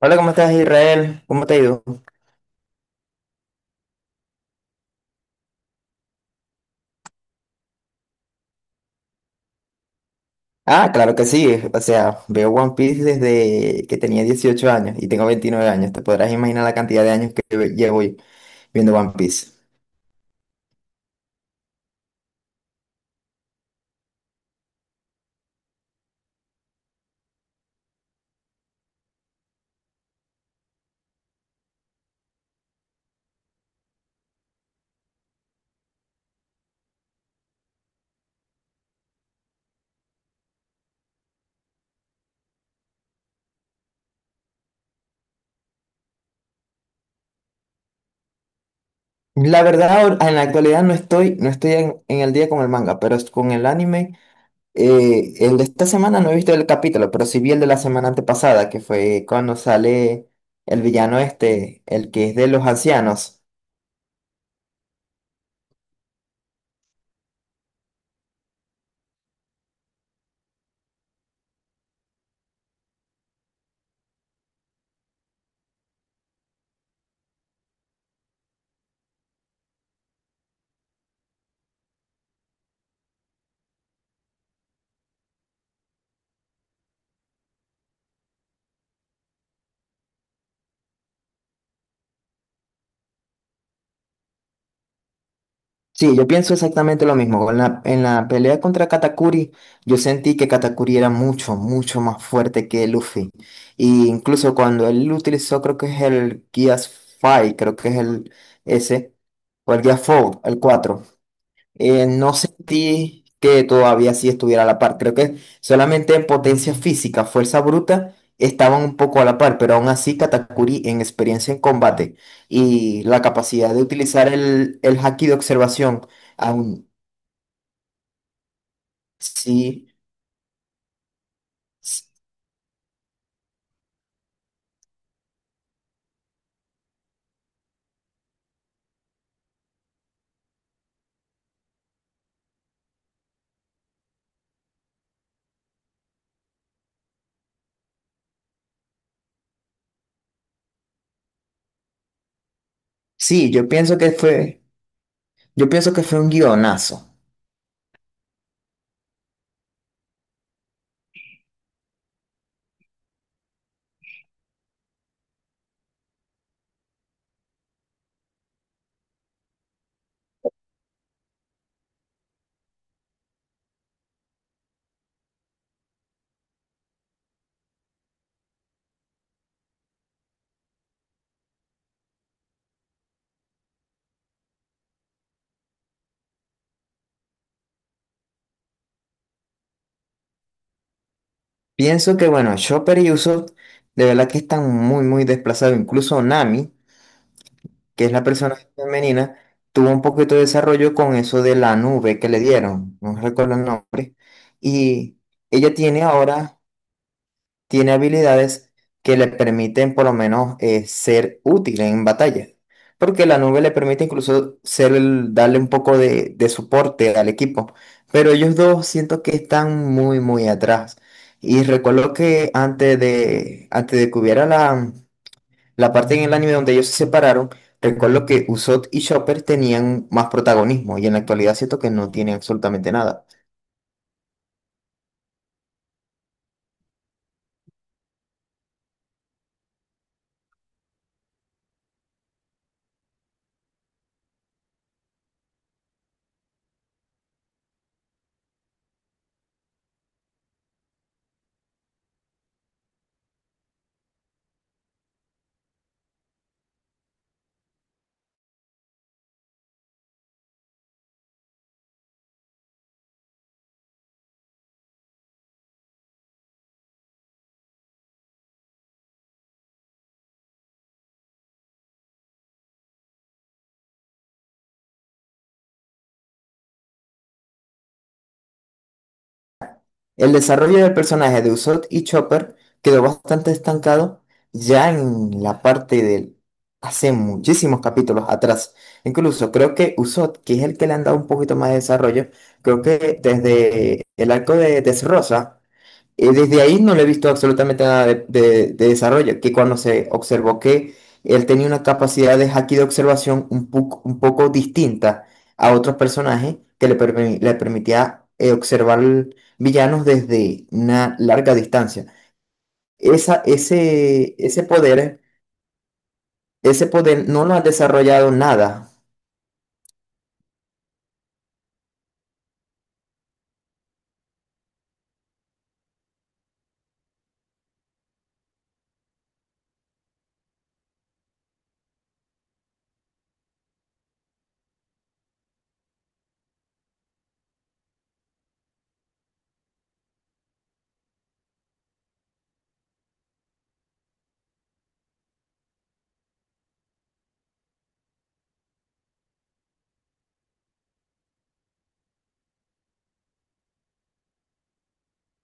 Hola, ¿cómo estás, Israel? ¿Cómo te ha ido? Ah, claro que sí. O sea, veo One Piece desde que tenía 18 años y tengo 29 años. Te podrás imaginar la cantidad de años que llevo viendo One Piece. La verdad, en la actualidad no estoy en el día con el manga, pero con el anime, el de esta semana no he visto el capítulo, pero sí vi el de la semana antepasada, que fue cuando sale el villano este, el que es de los ancianos. Sí, yo pienso exactamente lo mismo. En la pelea contra Katakuri, yo sentí que Katakuri era mucho, mucho más fuerte que Luffy. Y incluso cuando él utilizó, creo que es el Gear 5, creo que es el ese, o el Gear 4, el 4. No sentí que todavía sí estuviera a la par. Creo que solamente en potencia física, fuerza bruta, estaban un poco a la par, pero aún así Katakuri en experiencia en combate y la capacidad de utilizar el haki de observación, aún sí, sí, yo pienso que fue un guionazo. Pienso que, bueno, Chopper y Usopp de verdad que están muy, muy desplazados, incluso Nami, que es la persona femenina, tuvo un poquito de desarrollo con eso de la nube que le dieron, no recuerdo el nombre, y ella tiene ahora, tiene habilidades que le permiten por lo menos ser útil en batalla, porque la nube le permite incluso ser darle un poco de soporte al equipo, pero ellos dos siento que están muy, muy atrás. Y recuerdo que antes de que hubiera la parte en el anime donde ellos se separaron, recuerdo que Usopp y Chopper tenían más protagonismo y en la actualidad siento que no tienen absolutamente nada. El desarrollo del personaje de Usopp y Chopper quedó bastante estancado ya en la parte del hace muchísimos capítulos atrás. Incluso creo que Usopp, que es el que le han dado un poquito más de desarrollo, creo que desde el arco de Dressrosa. Desde ahí no le he visto absolutamente nada de desarrollo, que cuando se observó que él tenía una capacidad de haki de observación un poco distinta a otros personajes que le permitía observar villanos desde una larga distancia. Esa, ese, ese poder, ese poder no lo ha desarrollado nada.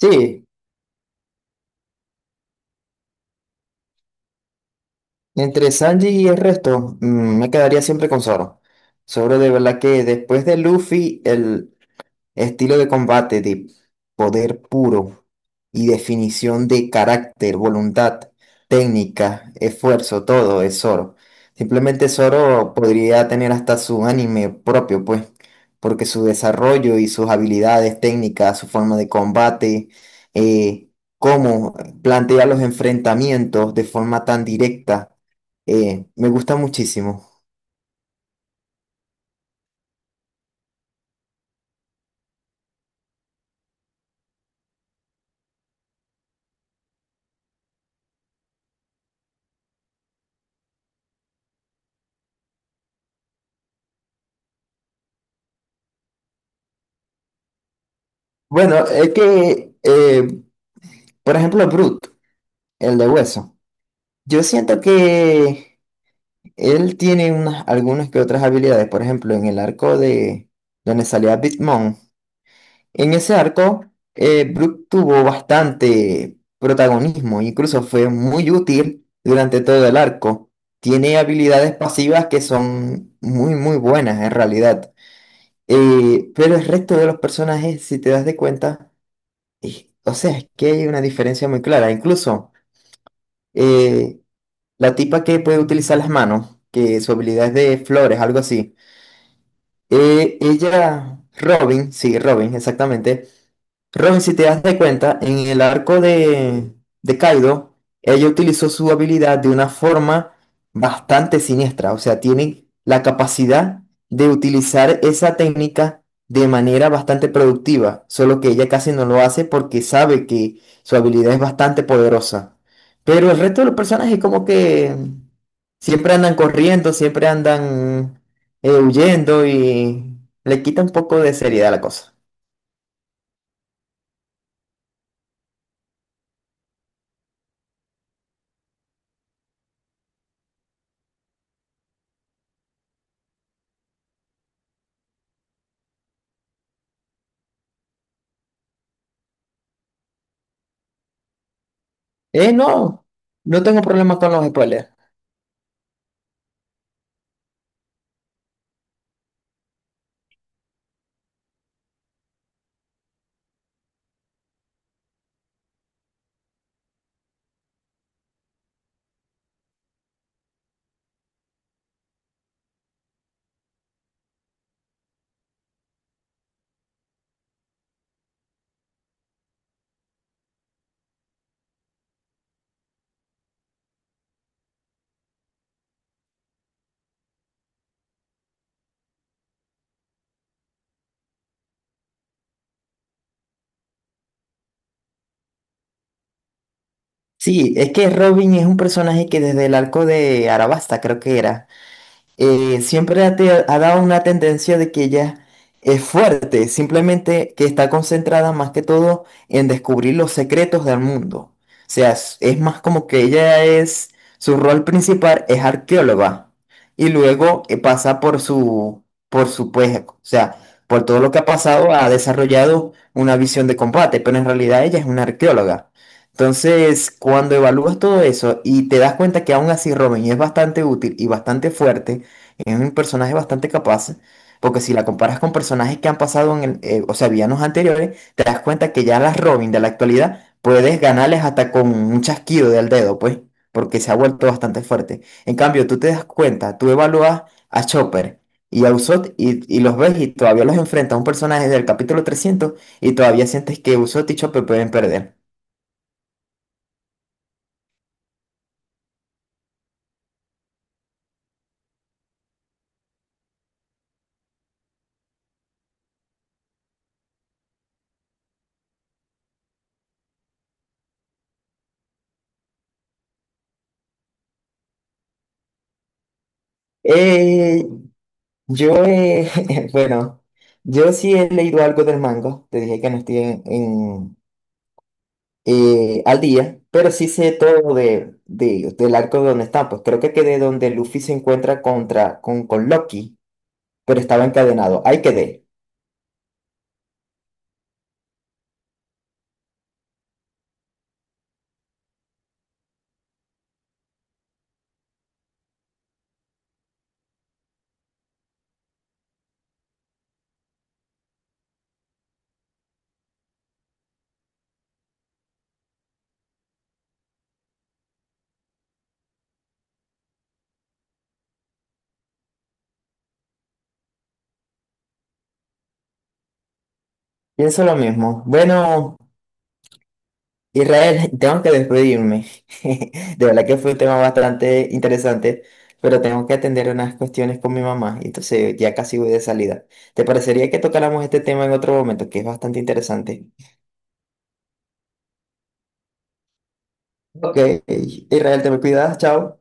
Sí, entre Sanji y el resto, mm, me quedaría siempre con Zoro. Zoro de verdad que después de Luffy, el estilo de combate de poder puro y definición de carácter, voluntad, técnica, esfuerzo, todo es Zoro. Simplemente Zoro podría tener hasta su anime propio, pues, porque su desarrollo y sus habilidades técnicas, su forma de combate, eh, cómo plantea los enfrentamientos de forma tan directa, me gusta muchísimo. Bueno, es que, por ejemplo, Brute, el de hueso. Yo siento que él tiene unas, algunas que otras habilidades. Por ejemplo, en el arco de donde salía Bitmon. En ese arco, Brook tuvo bastante protagonismo. Incluso fue muy útil durante todo el arco. Tiene habilidades pasivas que son muy, muy buenas en realidad. Pero el resto de los personajes, si te das de cuenta, o sea, es que hay una diferencia muy clara. Incluso, eh, la tipa que puede utilizar las manos, que su habilidad es de flores, algo así. Ella, Robin, sí, Robin, exactamente. Robin, si te das de cuenta, en el de Kaido, ella utilizó su habilidad de una forma bastante siniestra. O sea, tiene la capacidad de utilizar esa técnica de manera bastante productiva, solo que ella casi no lo hace porque sabe que su habilidad es bastante poderosa. Pero el resto de los personajes como que siempre andan corriendo, siempre andan huyendo y le quita un poco de seriedad a la cosa. No, no tengo problema con los spoilers. Sí, es que Robin es un personaje que desde el arco de Arabasta, creo que era. Siempre ha dado una tendencia de que ella es fuerte, simplemente que está concentrada más que todo en descubrir los secretos del mundo. O sea, es más como que ella es, su rol principal es arqueóloga y luego pasa por por su, pues, o sea, por todo lo que ha pasado, ha desarrollado una visión de combate, pero en realidad ella es una arqueóloga. Entonces, cuando evalúas todo eso y te das cuenta que aún así Robin es bastante útil y bastante fuerte, es un personaje bastante capaz, porque si la comparas con personajes que han pasado en o sea, villanos anteriores, te das cuenta que ya las Robin de la actualidad puedes ganarles hasta con un chasquido del dedo, pues, porque se ha vuelto bastante fuerte. En cambio, tú te das cuenta, tú evalúas a Chopper y a Usopp y los ves y todavía los enfrentas a un personaje del capítulo 300 y todavía sientes que Usopp y Chopper pueden perder. Eh, bueno. Yo sí he leído algo del manga, te dije que no estoy al día, pero sí sé todo de del arco de donde están. Pues creo que quedé donde Luffy se encuentra con Loki, pero estaba encadenado. Ahí quedé. Pienso lo mismo. Bueno, Israel, tengo que despedirme. De verdad que fue un tema bastante interesante, pero tengo que atender unas cuestiones con mi mamá, entonces ya casi voy de salida. ¿Te parecería que tocáramos este tema en otro momento, que es bastante interesante? Ok, Israel, te me cuidas, chao.